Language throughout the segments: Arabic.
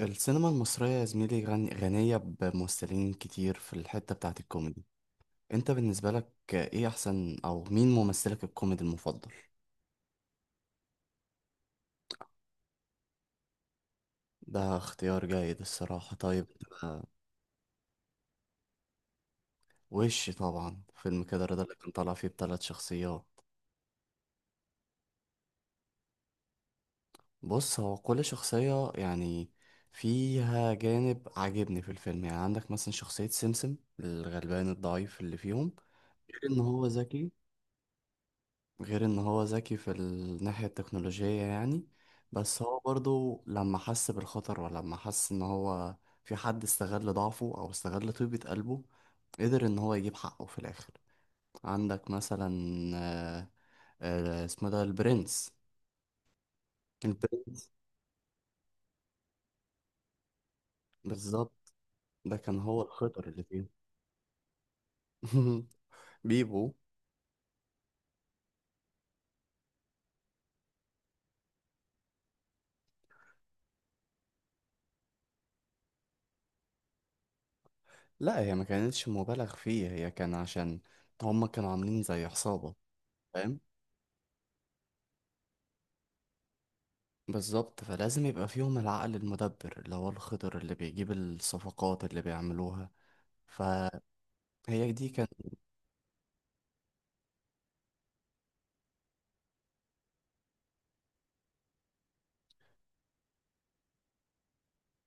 السينما المصرية يا زميلي، غنية بممثلين كتير في الحتة بتاعت الكوميدي. انت بالنسبة لك ايه احسن، او مين ممثلك الكوميدي المفضل؟ ده اختيار جيد الصراحة. طيب. آه. وش طبعا، فيلم كده رضا اللي كان طالع فيه ب3 شخصيات. بص، هو كل شخصية يعني فيها جانب عاجبني في الفيلم. يعني عندك مثلا شخصية سمسم، الغلبان الضعيف اللي فيهم، غير ان هو ذكي. غير ان هو ذكي في الناحية التكنولوجية يعني. بس هو برضو لما حس بالخطر، ولما حس ان هو في حد استغل ضعفه او استغل طيبة قلبه، قدر ان هو يجيب حقه في الاخر. عندك مثلا، آه، اسمه ده البرنس. البرنس. بالظبط. ده كان هو الخطر اللي فيه. بيبو. لا، هي ما كانتش مبالغ فيه، هي كان عشان هما كانوا عاملين زي عصابة. فاهم؟ بالظبط. فلازم يبقى فيهم العقل المدبر، اللي هو الخضر اللي بيجيب الصفقات اللي بيعملوها. فهي دي كانت.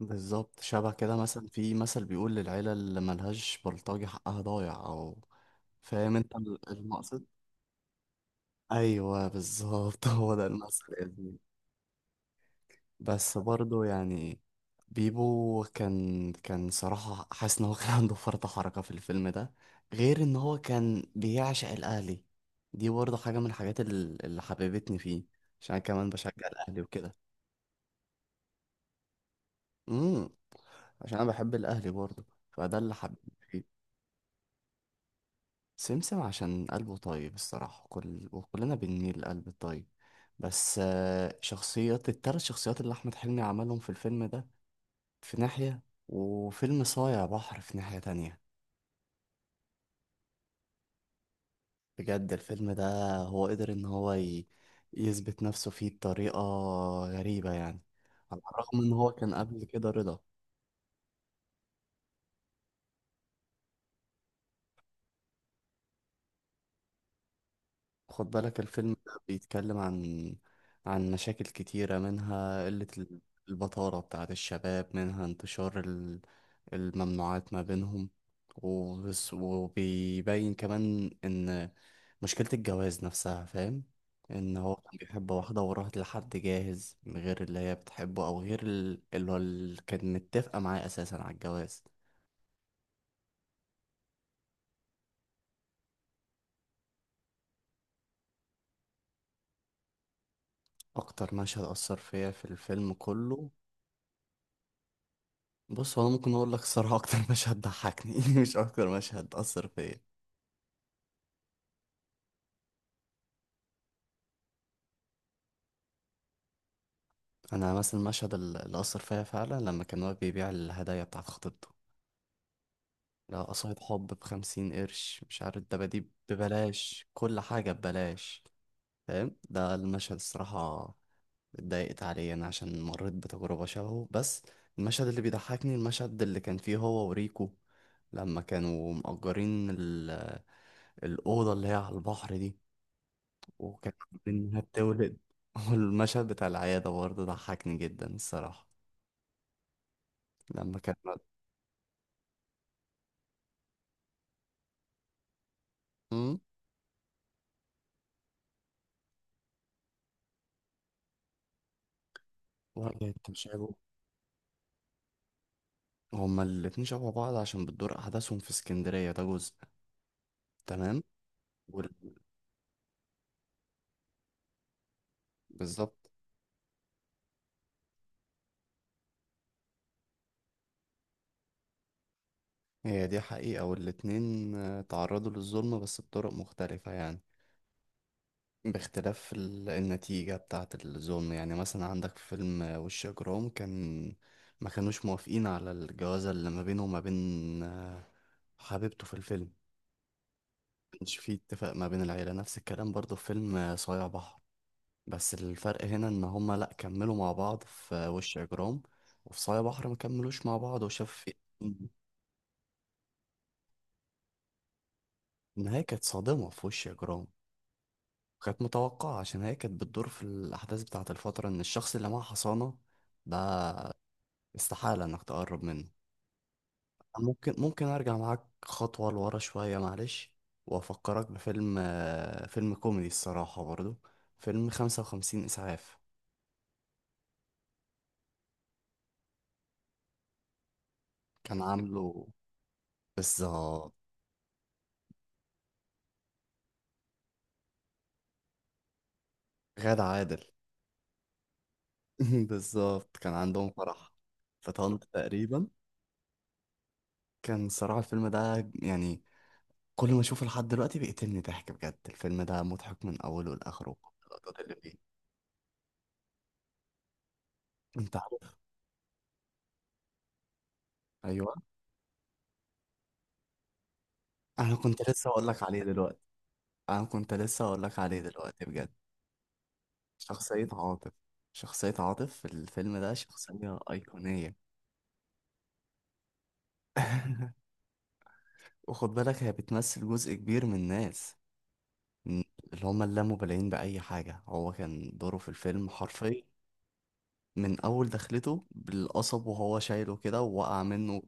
بالظبط. شبه كده، مثلا في مثل بيقول للعيلة اللي ملهاش بلطجي حقها ضايع، أو فاهم انت المقصد؟ أيوه، بالظبط. هو ده المثل يا زميلي. بس برضه يعني، بيبو كان صراحة حاسس ان هو كان عنده فرط حركة في الفيلم ده، غير ان هو كان بيعشق الاهلي. دي برضه حاجة من الحاجات اللي حببتني فيه، عشان أنا كمان بشجع الاهلي وكده. امم. عشان انا بحب الاهلي برضه، فده اللي حببني فيه. سمسم عشان قلبه طيب الصراحة، كل وكلنا بنميل للقلب الطيب. بس التلات شخصيات اللي احمد حلمي عملهم في الفيلم ده في ناحية، وفيلم صايع بحر في ناحية تانية. بجد الفيلم ده هو قدر إن هو يثبت نفسه فيه بطريقة غريبة يعني، على الرغم إن هو كان قبل كده رضا. خد بالك الفيلم ده بيتكلم عن مشاكل كتيرة، منها البطالة بتاعت الشباب، منها انتشار الممنوعات ما بينهم وبس. وبيبين كمان إن مشكلة الجواز نفسها، فاهم، إن هو كان بيحب واحدة وراحت لحد جاهز من غير اللي هي بتحبه، أو غير اللي كانت متفقة معاه أساسا على الجواز. أكتر مشهد أثر فيا في الفيلم كله. بص، هو انا ممكن اقول لك الصراحه اكتر مشهد ضحكني، مش اكتر مشهد اثر فيا. انا مثلا المشهد اللي اثر فيا فعلا، لما كان واقف بيبيع الهدايا بتاعت خطيبته. لا، قصايد حب ب50 قرش، مش عارف، الدباديب ببلاش، كل حاجه ببلاش. فاهم، ده المشهد الصراحه اتضايقت عليه انا عشان مريت بتجربه شبهه. بس المشهد اللي بيضحكني، المشهد اللي كان فيه هو وريكو، لما كانوا مأجرين الأوضة اللي هي على البحر دي، وكانت إنها بتولد. والمشهد بتاع العيادة برضه ضحكني جدا الصراحة لما كان. مم؟ ولا انت مش عارف. هما الاتنين شبه بعض عشان بتدور أحداثهم في اسكندرية، ده جزء. تمام. وال- بالظبط. هي دي حقيقة، والاتنين تعرضوا للظلم بس بطرق مختلفة يعني، باختلاف النتيجة بتاعة الظلم. يعني مثلا عندك فيلم وش إجرام، كان ما كانوش موافقين على الجوازة اللي ما بينه وما بين حبيبته في الفيلم. مش في اتفاق ما بين العيلة، نفس الكلام برضو في فيلم صايع بحر. بس الفرق هنا ان هما لا كملوا مع بعض في وش اجرام، وفي صايع بحر ما كملوش مع بعض وشاف النهاية كانت صادمة في وش اجرام. كانت متوقعة عشان هي كانت بتدور في الاحداث بتاعة الفترة، ان الشخص اللي معاه حصانة ده استحالة انك تقرب منه. ممكن ارجع معاك خطوة لورا شوية، معلش، وافكرك بفيلم فيلم كوميدي الصراحة برضو، فيلم 55 اسعاف. كان عامله. بالظبط. غادة عادل. بالظبط، كان عندهم فرح في طنطا تقريبا. كان صراحة الفيلم ده يعني كل ما اشوفه لحد دلوقتي بيقتلني ضحك، بجد الفيلم ده مضحك من اوله لاخره. اللقطات اللي فيه، انت عارف؟ ايوه. انا كنت لسه اقول لك عليه دلوقتي. انا كنت لسه اقول لك عليه دلوقتي بجد. شخصية عاطف شخصية عاطف في الفيلم ده شخصية أيقونية. وخد بالك هي بتمثل جزء كبير من الناس. مم. اللي هما اللامبالين بأي حاجة، هو كان دوره في الفيلم حرفيا من أول دخلته بالقصب وهو شايله كده ووقع منه.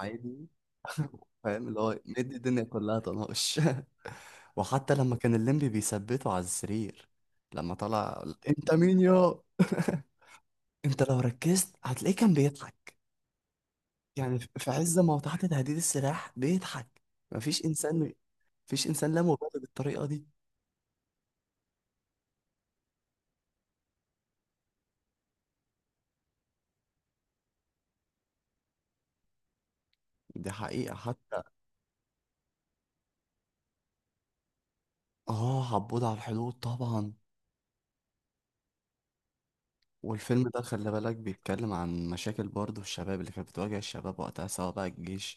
عادي. فاهم، اللي هو مدي الدنيا كلها طناش. وحتى لما كان الليمبي بيثبته على السرير، لما طلع انت مين يا. انت لو ركزت هتلاقيه كان بيضحك. يعني في عز ما هو تحت تهديد السلاح بيضحك. مفيش انسان مفيش انسان لا مبالي بالطريقه دي. دي حقيقه. حتى اه، عبود على الحدود طبعا. والفيلم ده خلي بالك بيتكلم عن مشاكل برضه الشباب اللي كانت بتواجه الشباب وقتها، سواء بقى الجيش.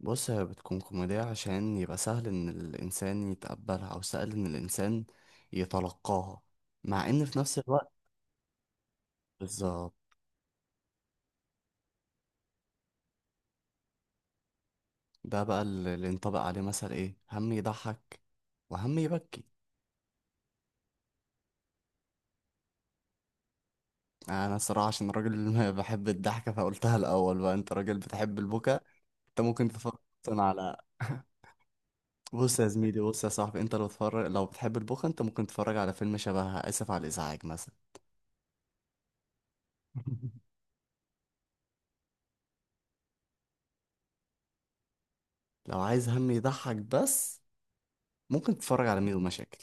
بص، هي بتكون كوميدية عشان يبقى سهل ان الانسان يتقبلها، او سهل ان الانسان يتلقاها، مع ان في نفس الوقت. بالظبط. ده بقى اللي ينطبق عليه مثل ايه، هم يضحك وهم يبكي. انا الصراحة عشان راجل ما بحب الضحكة فقلتها الاول، بقى انت راجل بتحب البكا، انت ممكن تفكر أصلاً على. بص يا زميلي، بص يا صاحبي، انت لو تتفرج، لو بتحب البوخ انت ممكن تتفرج على فيلم شبه اسف على الازعاج مثلا. لو عايز هم يضحك بس، ممكن تتفرج على ميدو مشاكل.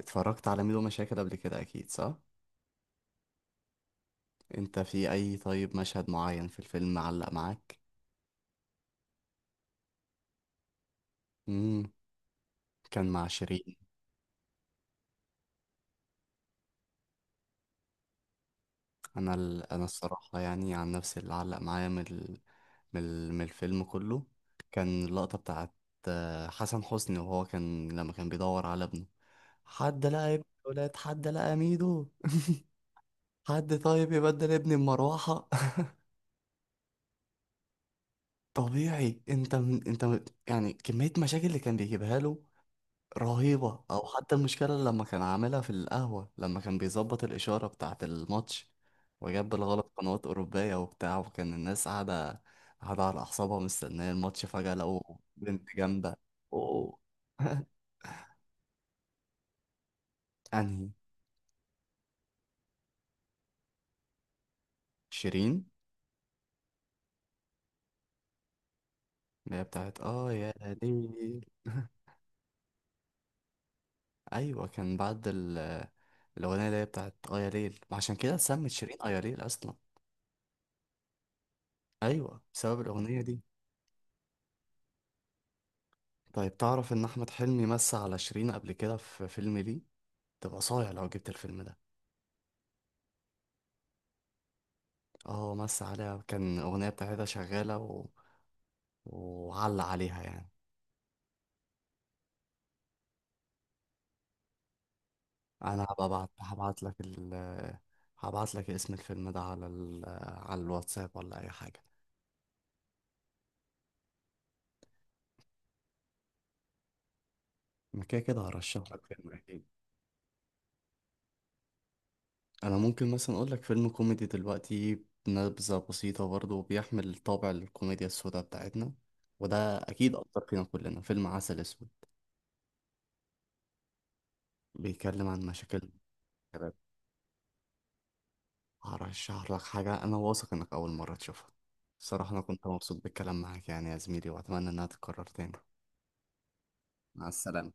اتفرجت على ميدو مشاكل قبل كده اكيد، صح؟ انت في اي طيب مشهد معين في الفيلم معلق معاك. امم. كان مع شيرين. انا الصراحه يعني عن نفسي اللي علق معايا من الفيلم كله، كان اللقطه بتاعت حسن حسني. وهو لما كان بيدور على ابنه، حد لقى ابن الولاد، حد لقى ميدو، حد طيب يبدل ابني بمروحة. طبيعي، انت من انت من يعني كمية مشاكل اللي كان بيجيبها له رهيبة، او حتى المشكلة اللي لما كان عاملها في القهوة لما كان بيظبط الإشارة بتاعة الماتش، وجاب بالغلط قنوات أوروبية وبتاع، وكان الناس قاعدة على أعصابها مستنية الماتش، فجأة لقوا بنت جامدة. أوه. أنهي؟ شيرين، اللي هي بتاعت اه يا ليل. ايوه، كان بعد الاغنيه اللي هي بتاعت ايا ليل، ما عشان كده سمت شيرين ايا ليل اصلا. ايوه بسبب الاغنيه دي. طيب، تعرف ان احمد حلمي مسى على شيرين قبل كده في فيلم، ليه تبقى صايع لو جبت الفيلم ده. اه مسى عليها، كان الاغنيه بتاعتها شغاله، وعلق عليها يعني. انا هبقى ابعت هبعت لك ال هبعت لك اسم الفيلم ده على على الواتساب، ولا اي حاجه. أنا كده كده هرشح لك فيلم اكيد. انا ممكن مثلا اقول لك فيلم كوميدي دلوقتي، نبذة بسيطة برضه، بيحمل طابع الكوميديا السوداء بتاعتنا، وده اكيد اثر فينا كلنا، فيلم عسل اسود. بيتكلم عن مشاكل الشباب. هرشح لك حاجة انا واثق انك اول مرة تشوفها. الصراحة انا كنت مبسوط بالكلام معاك يعني يا زميلي، واتمنى انها تتكرر تاني. مع السلامة.